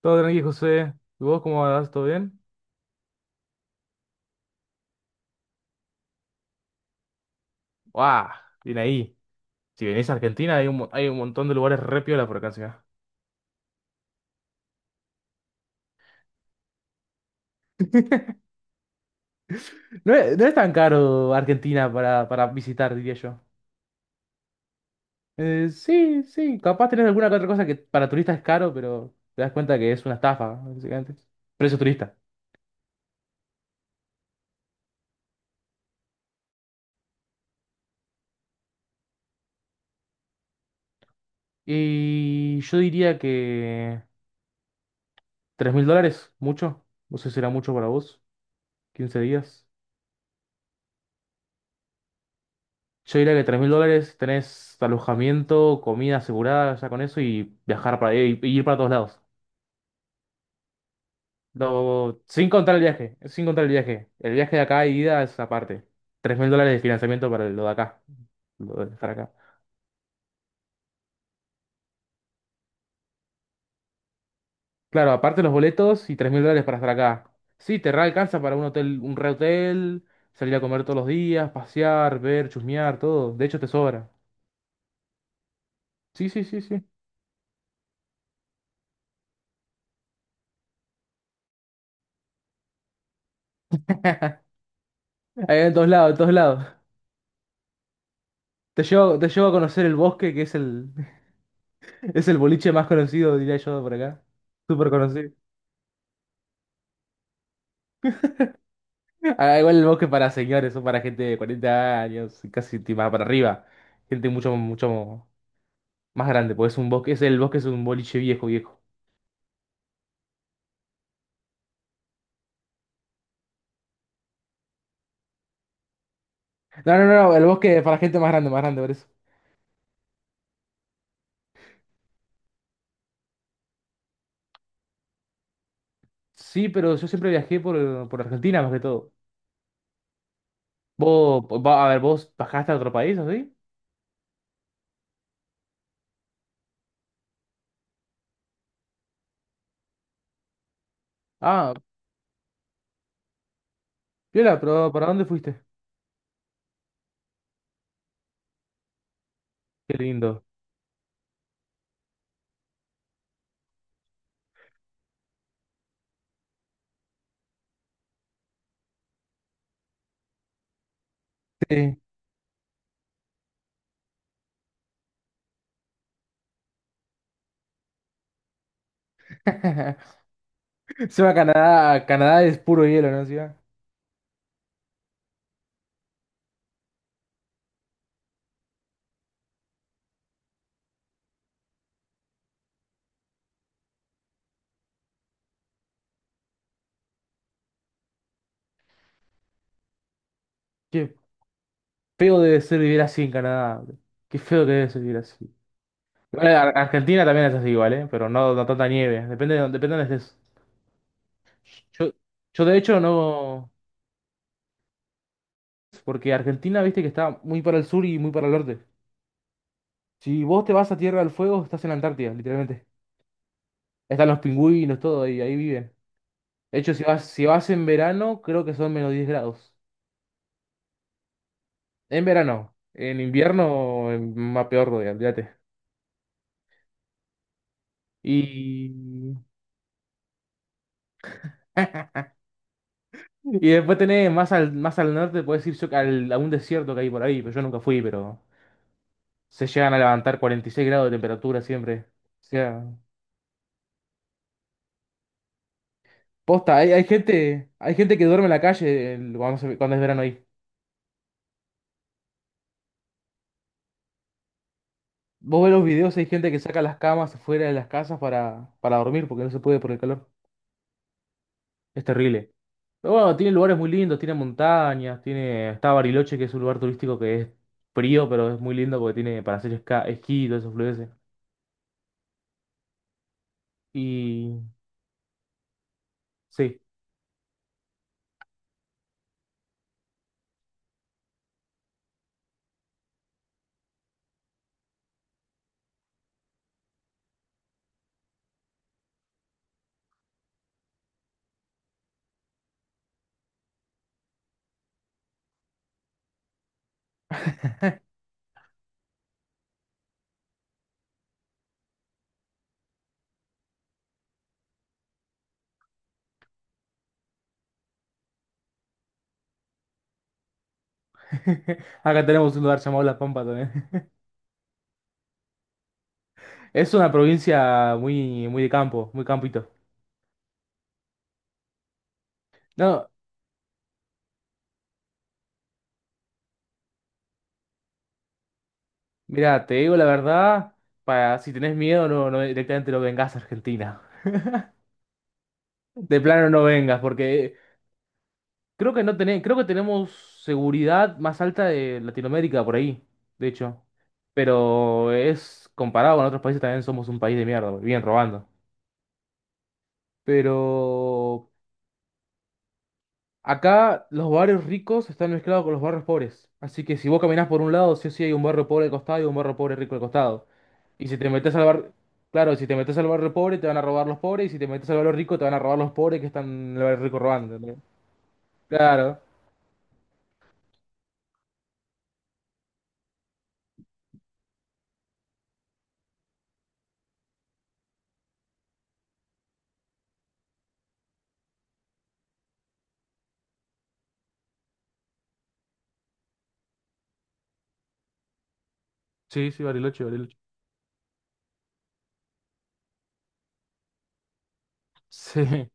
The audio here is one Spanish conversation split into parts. Todo tranqui, José. ¿Y vos cómo vas? ¿Todo bien? ¡Guau! Bien ahí. Si venís a Argentina, hay un, hay un montón de lugares re piola por acá encima. No es tan caro Argentina para visitar, diría yo. Sí, sí. Capaz tenés alguna que otra cosa que para turistas es caro, pero te das cuenta que es una estafa, básicamente. Precio turista. Y yo diría que... ¿Tres mil dólares? ¿Mucho? No sé si será mucho para vos. ¿15 días? Yo diría que 3 mil dólares tenés alojamiento, comida asegurada ya con eso y viajar para y ir para todos lados. Sin contar el viaje, sin contar el viaje. El viaje de acá y ida es aparte. Tres mil dólares de financiamiento para lo de acá, lo de estar acá. Claro, aparte los boletos y 3 mil dólares para estar acá. Sí, te re alcanza para un hotel, un re hotel, salir a comer todos los días, pasear, ver, chusmear, todo. De hecho, te sobra. Sí, sí, sí, sí. En todos lados, en todos lados. Te llevo a conocer el bosque que es el. Es el boliche más conocido, diría yo, por acá. Súper conocido. Ah, igual el bosque para señores, son para gente de 40 años, casi más para arriba. Gente mucho, mucho más grande, porque es un bosque, es el bosque es un boliche viejo, viejo. No, no, no, el bosque es para gente más grande, por eso. Sí, pero yo siempre viajé por Argentina, más que todo. Vos, a ver, vos bajaste a otro país, ¿así? Ah, Viola, pero ¿para dónde fuiste? Qué lindo. Sí. Se va a Canadá, Canadá es puro hielo, ¿no? Sí, feo debe ser vivir así en Canadá. Qué feo que debe ser vivir así. Igual Argentina también es así igual, ¿eh? Pero no, no tanta nieve. Depende de dónde estés. Yo, yo de hecho no... Porque Argentina, viste que está muy para el sur y muy para el norte. Si vos te vas a Tierra del Fuego, estás en la Antártida, literalmente. Están los pingüinos, todo, y ahí viven. De hecho, si vas en verano, creo que son menos diez grados. En verano. En invierno, más peor, olvídate. Y... Y después tenés más al norte, puedes ir a un desierto que hay por ahí, pero yo nunca fui, pero se llegan a levantar 46 grados de temperatura siempre. O sea, posta, hay, hay gente que duerme en la calle cuando, cuando es verano ahí. Vos ves los videos, hay gente que saca las camas afuera de las casas para dormir porque no se puede por el calor. Es terrible. Pero bueno, tiene lugares muy lindos, tiene montañas, tiene, está Bariloche, que es un lugar turístico que es frío, pero es muy lindo porque tiene para hacer esquí y todo eso florece. Y sí. Acá tenemos un lugar llamado La Pampa también. Es una provincia muy, muy de campo, muy campito. No, mira, te digo la verdad, para si tenés miedo, no, no directamente no vengas a Argentina. De plano no vengas, porque creo que no tenés, creo que tenemos seguridad más alta de Latinoamérica por ahí, de hecho. Pero es comparado con otros países, también somos un país de mierda, bien robando. Pero acá los barrios ricos están mezclados con los barrios pobres. Así que si vos caminás por un lado, sí o sí hay un barrio pobre al costado y un barrio pobre rico al costado. Y si te metes al barrio... Claro, si te metes al barrio pobre te van a robar los pobres y si te metes al barrio rico te van a robar los pobres que están en el barrio rico robando. ¿Entendés? Claro. Sí, sí, Bariloche, Bariloche. Sí.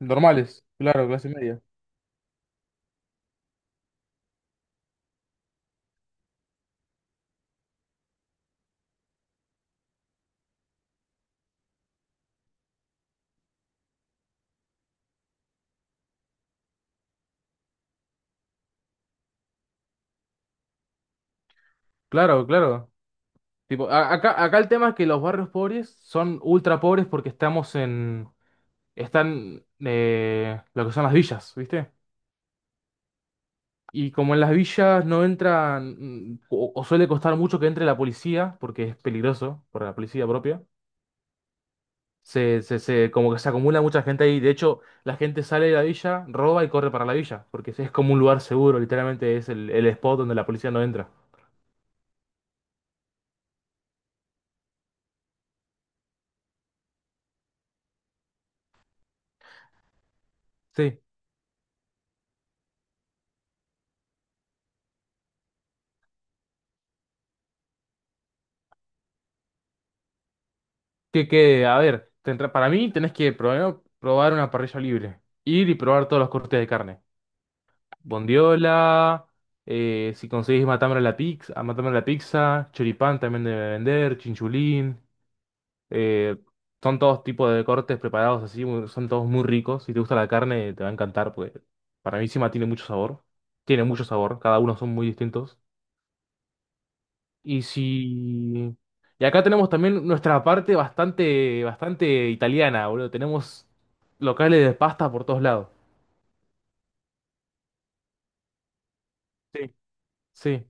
Normales, claro, clase media. Claro, claro. Tipo, acá, acá el tema es que los barrios pobres son ultra pobres porque estamos en... Están lo que son las villas, ¿viste? Y como en las villas no entran, o suele costar mucho que entre la policía, porque es peligroso para la policía propia, como que se acumula mucha gente ahí. De hecho, la gente sale de la villa, roba y corre para la villa, porque es como un lugar seguro, literalmente es el spot donde la policía no entra. Sí, que a ver, para mí tenés que primero probar una parrilla libre, ir y probar todos los cortes de carne. Bondiola, si conseguís matambre a la pizza, matambre a la pizza, choripán también debe vender, chinchulín. Eh, son todos tipos de cortes preparados así, son todos muy ricos. Si te gusta la carne, te va a encantar, porque para mí encima tiene mucho sabor. Tiene mucho sabor, cada uno son muy distintos. Y si... Y acá tenemos también nuestra parte bastante, bastante italiana, boludo. Tenemos locales de pasta por todos lados. Sí. Sí.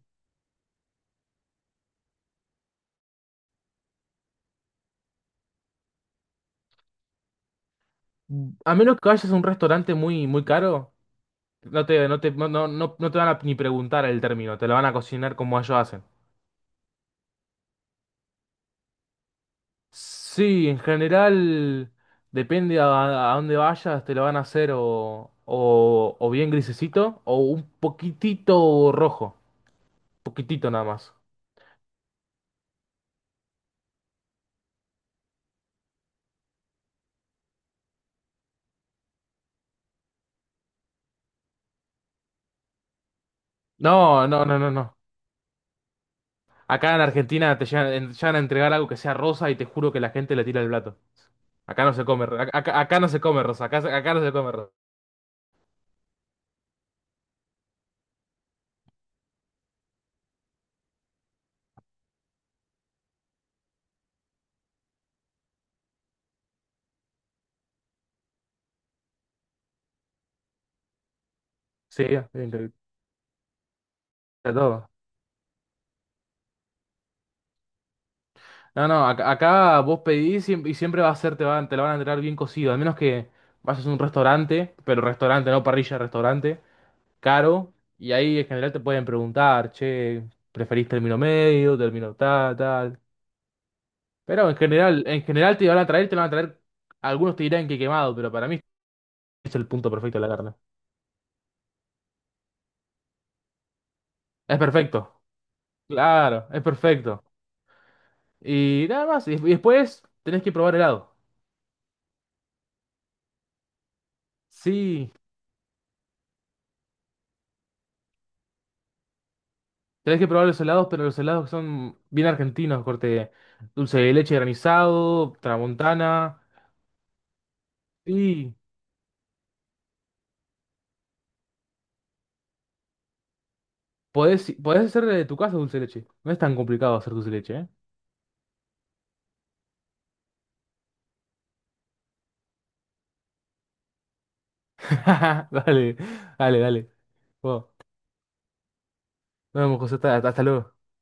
A menos que vayas a un restaurante muy, muy caro, no te van a ni preguntar el término, te lo van a cocinar como ellos hacen. Sí, en general depende a dónde vayas, te lo van a hacer o bien grisecito o un poquitito rojo, poquitito nada más. No. Acá en Argentina te llegan, llegan a entregar algo que sea rosa y te juro que la gente le tira el plato. Acá no se come, acá, acá no se come rosa, acá, acá no se come rosa. Sí, bien, está todo. No, no, acá, vos pedís y siempre va a ser, te van, te la van a entregar bien cocido, al menos que vayas a un restaurante, pero restaurante, no parrilla, restaurante, caro, y ahí en general te pueden preguntar, che, ¿preferís término medio, término tal, tal? Pero en general te van a traer, te van a traer, algunos te dirán que quemado, pero para mí es el punto perfecto de la carne. Es perfecto, claro, es perfecto. Y nada más, y después tenés que probar helado. Sí. Tenés que probar los helados, pero los helados que son bien argentinos, corte dulce de leche granizado, tramontana. Y podés, podés hacer de tu casa dulce de leche. No es tan complicado hacer dulce de leche, ¿eh? Dale, dale, dale. Bueno, nos vemos, José. Hasta, hasta luego.